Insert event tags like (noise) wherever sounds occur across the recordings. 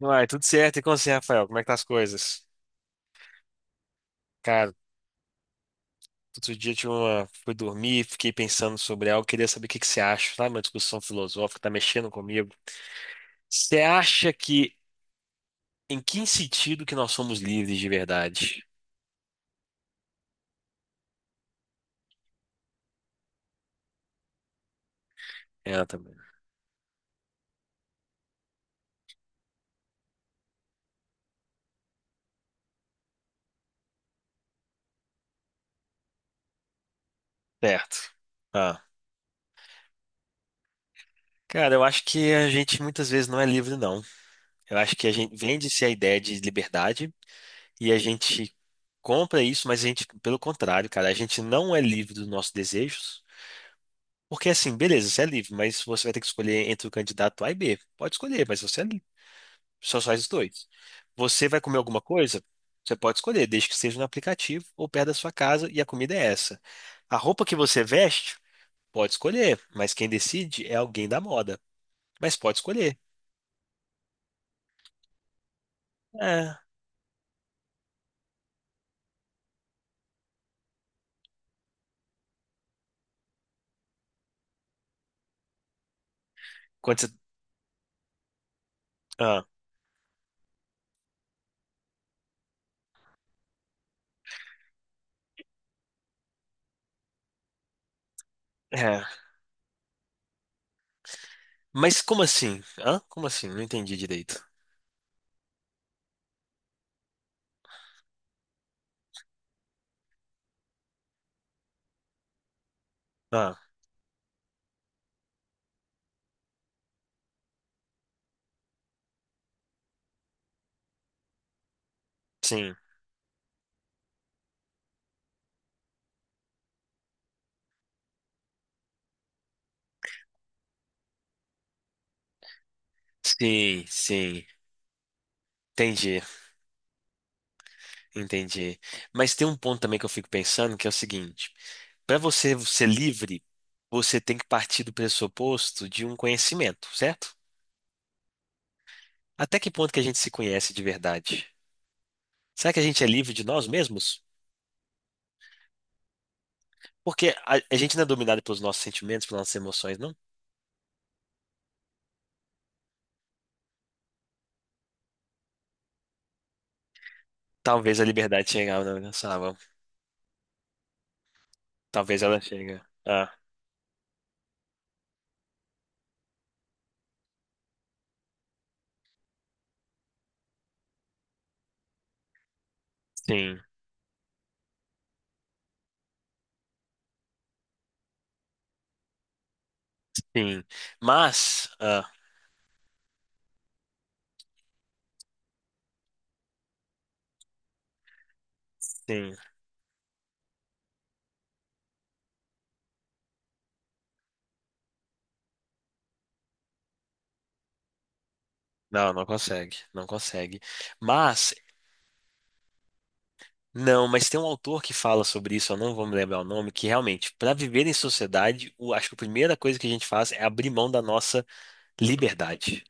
Uai, tudo certo. E com você, Rafael? Como é que tá as coisas? Cara, outro dia eu tive uma... fui dormir, fiquei pensando sobre algo, queria saber o que que você acha, sabe? Uma discussão filosófica, tá mexendo comigo. Você acha que, em que sentido que nós somos livres de verdade? É, também. Certo. Ah. Cara, eu acho que a gente muitas vezes não é livre, não. Eu acho que a gente vende-se a ideia de liberdade e a gente compra isso, mas a gente, pelo contrário, cara, a gente não é livre dos nossos desejos. Porque assim, beleza, você é livre, mas você vai ter que escolher entre o candidato A e B. Pode escolher, mas você é livre. Só faz os dois. Você vai comer alguma coisa? Você pode escolher, desde que seja no aplicativo ou perto da sua casa e a comida é essa. A roupa que você veste, pode escolher, mas quem decide é alguém da moda. Mas pode escolher. É. Quando você... Ah, é. Mas como assim? Hã? Como assim? Não entendi direito. Ah, sim. Sim, sim. Entendi, entendi. Mas tem um ponto também que eu fico pensando que é o seguinte. Para você ser livre, você tem que partir do pressuposto de um conhecimento, certo? Até que ponto que a gente se conhece de verdade? Será que a gente é livre de nós mesmos? Porque a gente não é dominado pelos nossos sentimentos, pelas nossas emoções, não? Talvez a liberdade chegue ah, não nossa alma. Talvez ela chegue. Ah, sim, sim. Mas, ah, sim. Não, não consegue, não consegue. Mas não, mas tem um autor que fala sobre isso, eu não vou me lembrar o nome, que realmente, para viver em sociedade, acho que a primeira coisa que a gente faz é abrir mão da nossa liberdade,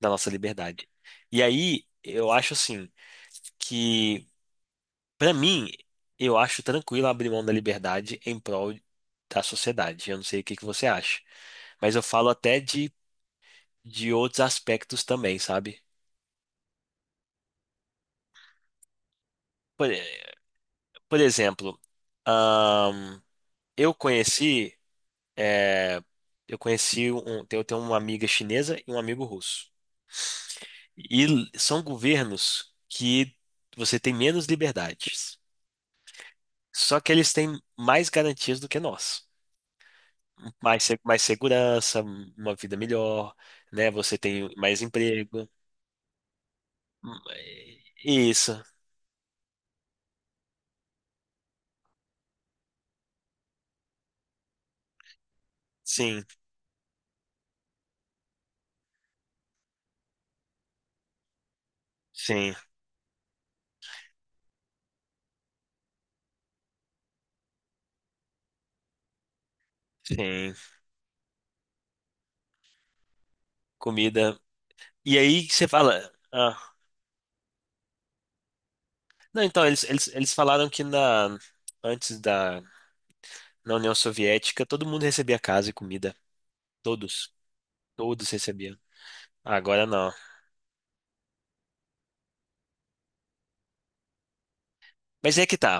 da nossa liberdade. E aí, eu acho assim, que para mim, eu acho tranquilo abrir mão da liberdade em prol da sociedade. Eu não sei o que que você acha, mas eu falo até de outros aspectos também, sabe? Por, por exemplo, ahn, eu conheci é, eu conheci um, eu tenho uma amiga chinesa e um amigo russo. São governos que você tem menos liberdades. Só que eles têm mais garantias do que nós. Mais, mais segurança, uma vida melhor, né? Você tem mais emprego. Hum. Isso. Sim, sim, sim. Comida. E aí você fala. Ah, não, então, eles falaram que na, antes da na União Soviética, todo mundo recebia casa e comida. Todos. Todos recebiam. Agora não. Mas é que tá.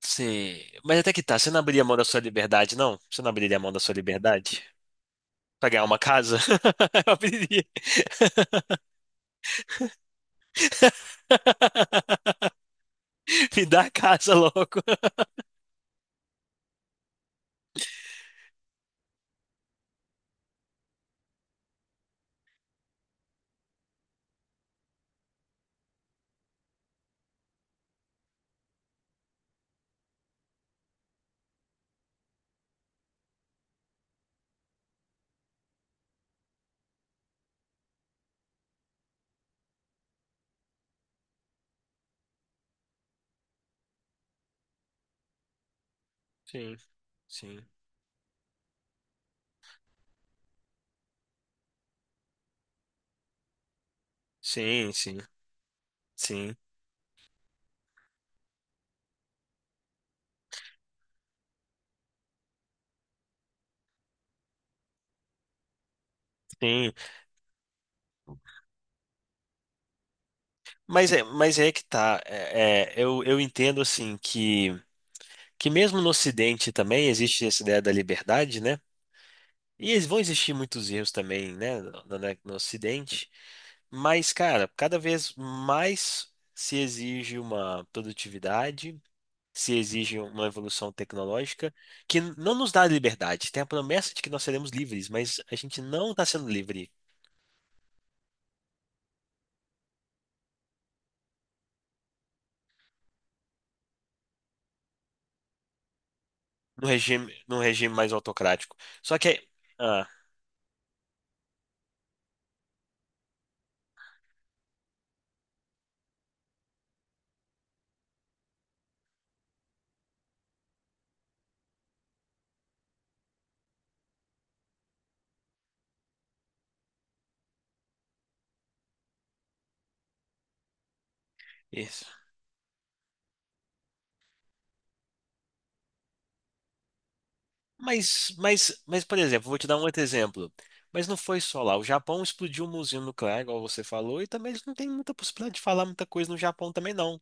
Você... Mas até que tá. Você não abriria mão da sua liberdade, não? Você não abriria mão da sua liberdade? Pra ganhar uma casa? (laughs) Eu abriria. (laughs) Me dá a casa logo. Sim, sim, sim, sim, sim, sim. Mas é que tá. É, é, eu entendo assim que mesmo no Ocidente também existe essa ideia da liberdade, né? E eles vão existir muitos erros também, né, no Ocidente, mas, cara, cada vez mais se exige uma produtividade, se exige uma evolução tecnológica, que não nos dá liberdade. Tem a promessa de que nós seremos livres, mas a gente não está sendo livre no regime, no regime mais autocrático. Só que, ah, isso. Mas, por exemplo, vou te dar um outro exemplo. Mas não foi só lá. O Japão explodiu uma usina nuclear, igual você falou, e também eles não têm muita possibilidade de falar muita coisa no Japão também, não.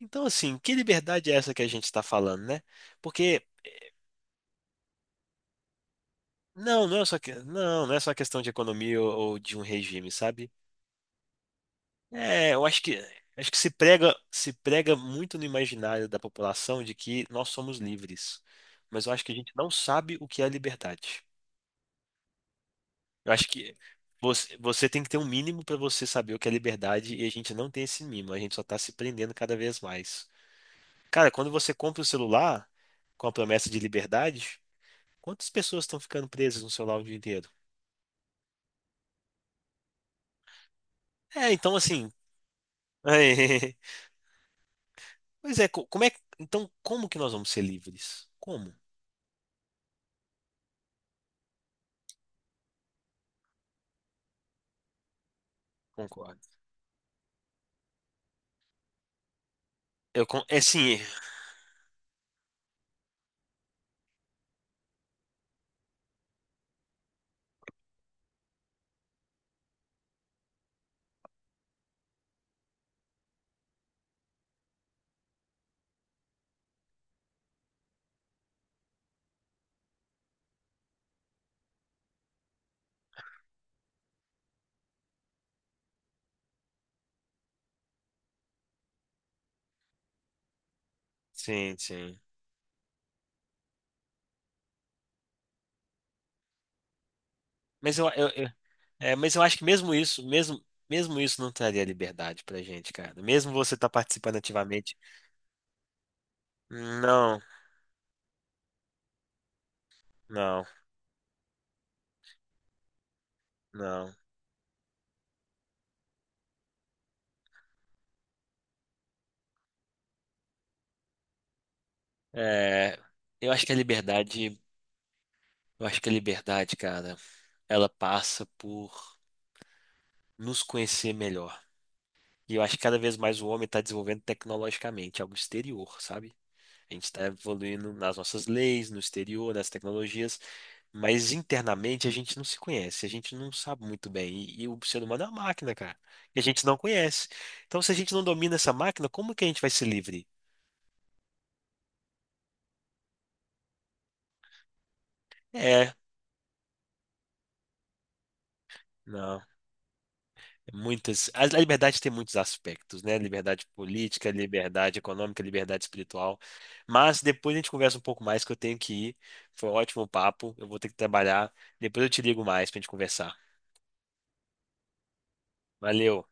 Então, assim, que liberdade é essa que a gente está falando, né? Porque, não, não é só, não, não é só questão de economia ou de um regime, sabe? É, eu acho que se prega, se prega muito no imaginário da população de que nós somos livres. Mas eu acho que a gente não sabe o que é liberdade. Eu acho que você tem que ter um mínimo para você saber o que é liberdade e a gente não tem esse mínimo, a gente só tá se prendendo cada vez mais. Cara, quando você compra o celular com a promessa de liberdade, quantas pessoas estão ficando presas no celular o dia inteiro? É, então assim, (laughs) pois é, como é, então como que nós vamos ser livres? Como? Concordo. Eu, é sim, sim, sim. Mas é, mas eu acho que mesmo isso, mesmo, mesmo isso não traria liberdade pra gente, cara. Mesmo você estar participando ativamente não, não, não. É, eu acho que a liberdade, eu acho que a liberdade, cara, ela passa por nos conhecer melhor. E eu acho que cada vez mais o homem está desenvolvendo tecnologicamente algo exterior, sabe? A gente está evoluindo nas nossas leis, no exterior, nas tecnologias, mas internamente a gente não se conhece, a gente não sabe muito bem. E o ser humano é uma máquina, cara, que a gente não conhece. Então, se a gente não domina essa máquina, como que a gente vai ser livre? É, não. Muitas, a liberdade tem muitos aspectos, né? Liberdade política, liberdade econômica, liberdade espiritual. Mas depois a gente conversa um pouco mais, que eu tenho que ir. Foi um ótimo papo, eu vou ter que trabalhar. Depois eu te ligo mais pra gente conversar. Valeu.